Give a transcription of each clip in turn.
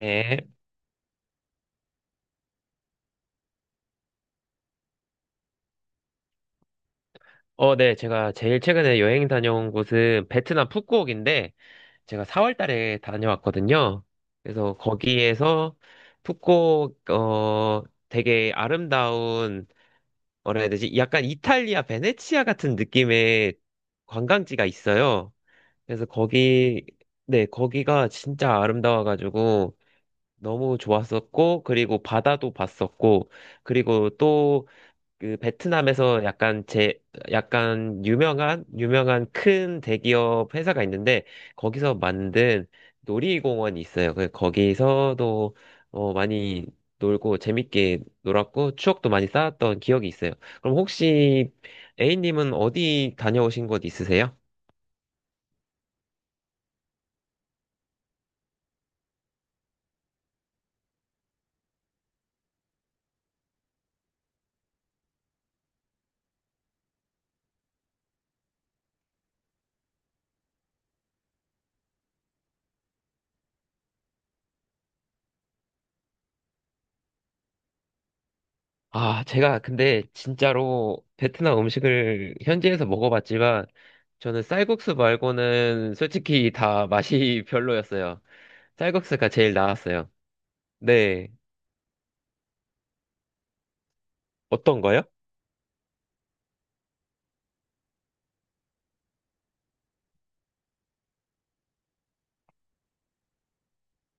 네. 네. 제가 제일 최근에 여행 다녀온 곳은 베트남 푸꾸옥인데, 제가 4월 달에 다녀왔거든요. 그래서 거기에서 푸꾸옥, 되게 아름다운, 뭐라 해야 되지? 약간 이탈리아 베네치아 같은 느낌의 관광지가 있어요. 그래서 거기, 네, 거기가 진짜 아름다워가지고 너무 좋았었고, 그리고 바다도 봤었고, 그리고 또 그 베트남에서 약간 제 약간 유명한 유명한 큰 대기업 회사가 있는데 거기서 만든 놀이공원이 있어요. 그 거기서도 많이 놀고 재밌게 놀았고 추억도 많이 쌓았던 기억이 있어요. 그럼 혹시 A님은 어디 다녀오신 곳 있으세요? 아, 제가 근데 진짜로 베트남 음식을 현지에서 먹어봤지만 저는 쌀국수 말고는 솔직히 다 맛이 별로였어요. 쌀국수가 제일 나았어요. 네. 어떤 거요?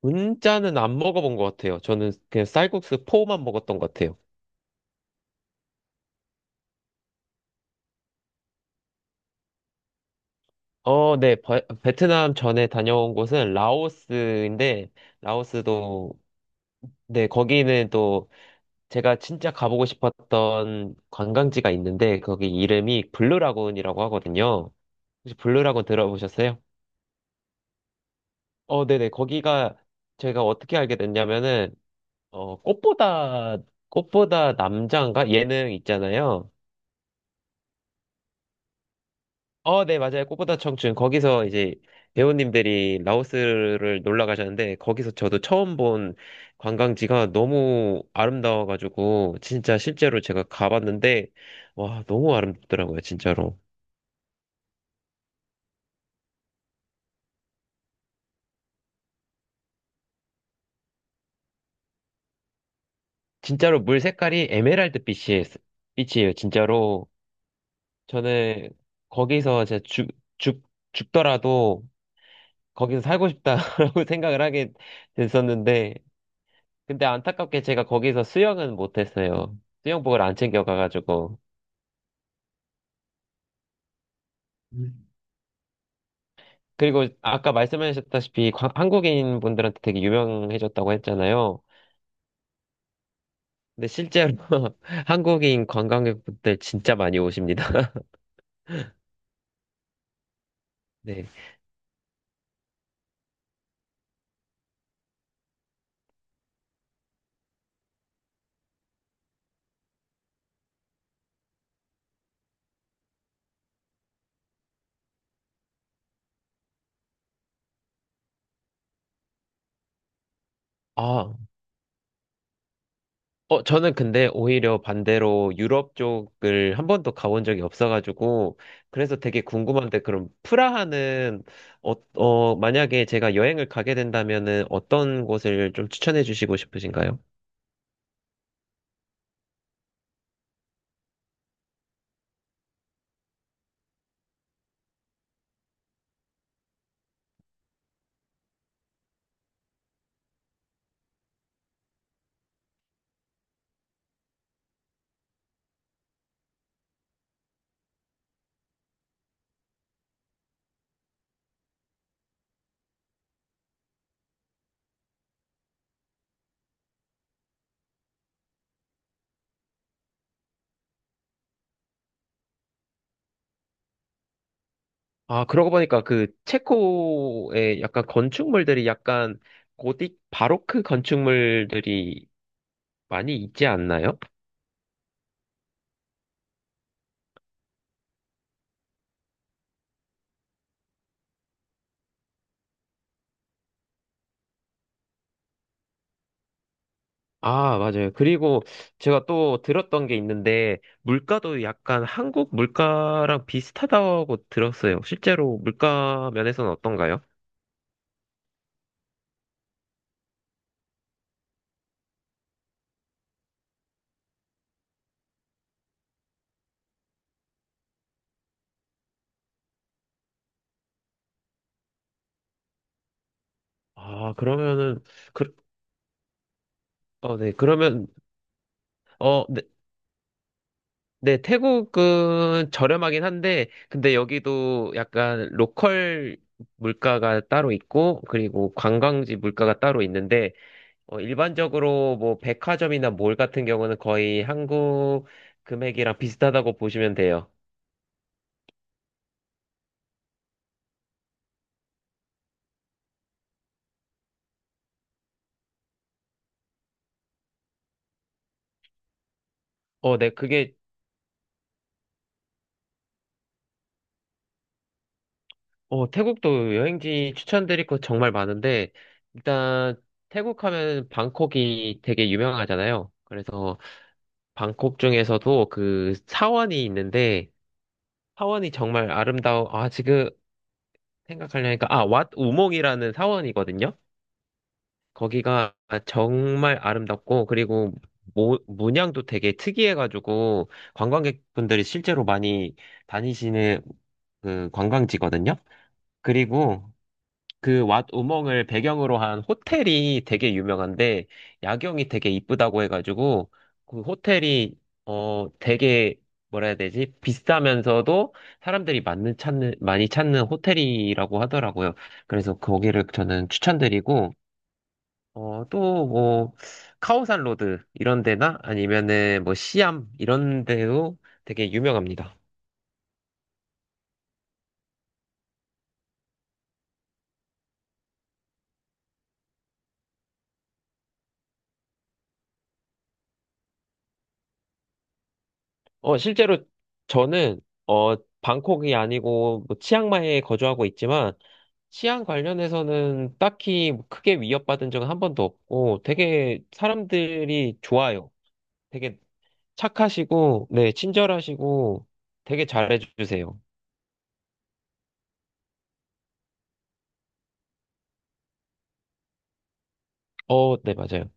문자는 안 먹어본 것 같아요. 저는 그냥 쌀국수 포만 먹었던 것 같아요. 네. 베트남 전에 다녀온 곳은 라오스인데, 라오스도, 네, 거기는 또 제가 진짜 가보고 싶었던 관광지가 있는데, 거기 이름이 블루라군이라고 하거든요. 혹시 블루라군 들어보셨어요? 네네. 거기가 제가 어떻게 알게 됐냐면은, 어, 꽃보다, 꽃보다 남자인가? 예능 있잖아요. 네, 맞아요. 꽃보다 청춘. 거기서 이제 배우님들이 라오스를 놀러 가셨는데, 거기서 저도 처음 본 관광지가 너무 아름다워가지고, 진짜 실제로 제가 가봤는데, 와, 너무 아름답더라고요, 진짜로. 진짜로 물 색깔이 에메랄드 빛이에요, 진짜로. 저는 거기서 제가 죽, 죽더라도 거기서 살고 싶다라고 생각을 하게 됐었는데, 근데 안타깝게 제가 거기서 수영은 못했어요. 수영복을 안 챙겨가가지고. 음. 그리고 아까 말씀하셨다시피 한국인 분들한테 되게 유명해졌다고 했잖아요. 근데 실제로 한국인 관광객분들 진짜 많이 오십니다. 네. 아, 저는 근데 오히려 반대로 유럽 쪽을 한 번도 가본 적이 없어가지고, 그래서 되게 궁금한데, 그럼 프라하는, 만약에 제가 여행을 가게 된다면은 어떤 곳을 좀 추천해 주시고 싶으신가요? 아, 그러고 보니까 그 체코의 약간 건축물들이 약간 고딕 바로크 건축물들이 많이 있지 않나요? 아, 맞아요. 그리고 제가 또 들었던 게 있는데 물가도 약간 한국 물가랑 비슷하다고 들었어요. 실제로 물가 면에서는 어떤가요? 아, 그러면은 그, 네. 그러면 네. 네, 태국은 저렴하긴 한데, 근데 여기도 약간 로컬 물가가 따로 있고, 그리고 관광지 물가가 따로 있는데, 일반적으로 뭐 백화점이나 몰 같은 경우는 거의 한국 금액이랑 비슷하다고 보시면 돼요. 네, 그게, 태국도 여행지 추천드릴 거 정말 많은데, 일단 태국 하면 방콕이 되게 유명하잖아요. 그래서 방콕 중에서도 그 사원이 있는데, 사원이 정말 아름다워. 아, 지금 생각하려니까. 아, 왓 우몽이라는 사원이거든요. 거기가 정말 아름답고, 그리고 문양도 되게 특이해가지고, 관광객분들이 실제로 많이 다니시는 그 관광지거든요. 그리고 그 왓 우멍을 배경으로 한 호텔이 되게 유명한데 야경이 되게 이쁘다고 해가지고 그 호텔이 되게 뭐라 해야 되지? 비싸면서도 사람들이 많이 찾는 호텔이라고 하더라고요. 그래서 거기를 저는 추천드리고 어또 뭐 카오산 로드 이런 데나 아니면은 뭐 시암 이런 데도 되게 유명합니다. 실제로 저는 어 방콕이 아니고 뭐 치앙마이에 거주하고 있지만 치안 관련해서는 딱히 뭐 크게 위협받은 적은 한 번도 없고, 되게 사람들이 좋아요. 되게 착하시고, 네, 친절하시고, 되게 잘해주세요. 네, 맞아요.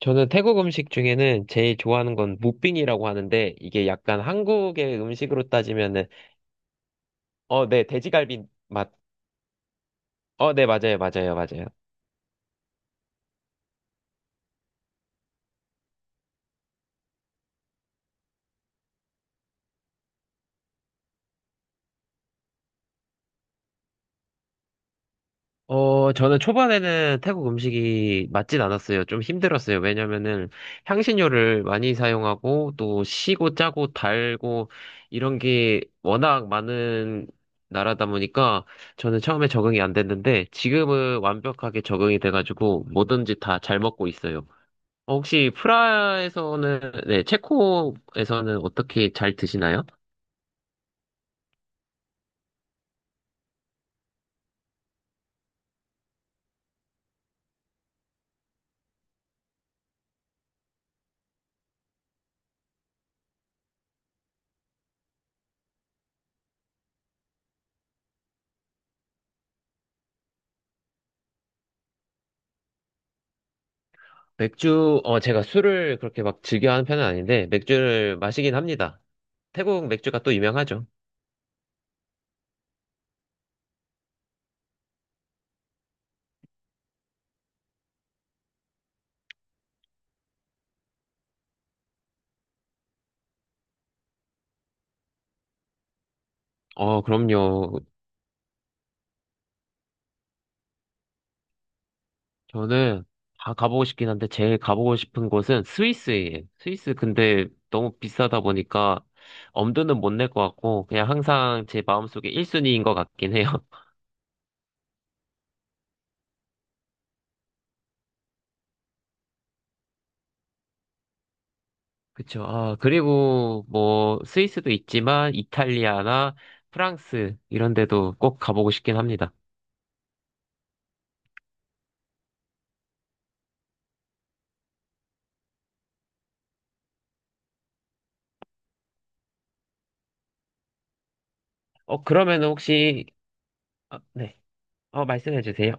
저는 태국 음식 중에는 제일 좋아하는 건 무빙이라고 하는데, 이게 약간 한국의 음식으로 따지면은, 네, 돼지갈비 맛. 네, 맞아요, 맞아요, 맞아요. 저는 초반에는 태국 음식이 맞진 않았어요. 좀 힘들었어요. 왜냐면은 향신료를 많이 사용하고 또 시고 짜고 달고 이런 게 워낙 많은 나라다 보니까 저는 처음에 적응이 안 됐는데 지금은 완벽하게 적응이 돼가지고 뭐든지 다 잘 먹고 있어요. 혹시 프라에서는, 네, 체코에서는 어떻게 잘 드시나요? 맥주, 제가 술을 그렇게 막 즐겨하는 편은 아닌데, 맥주를 마시긴 합니다. 태국 맥주가 또 유명하죠. 그럼요. 저는 다 가보고 싶긴 한데, 제일 가보고 싶은 곳은 스위스예요. 스위스 근데 너무 비싸다 보니까 엄두는 못 낼 것 같고, 그냥 항상 제 마음속에 1순위인 것 같긴 해요. 그쵸. 아, 그리고 뭐, 스위스도 있지만, 이탈리아나 프랑스, 이런 데도 꼭 가보고 싶긴 합니다. 그러면 혹시 아, 네. 말씀해 주세요.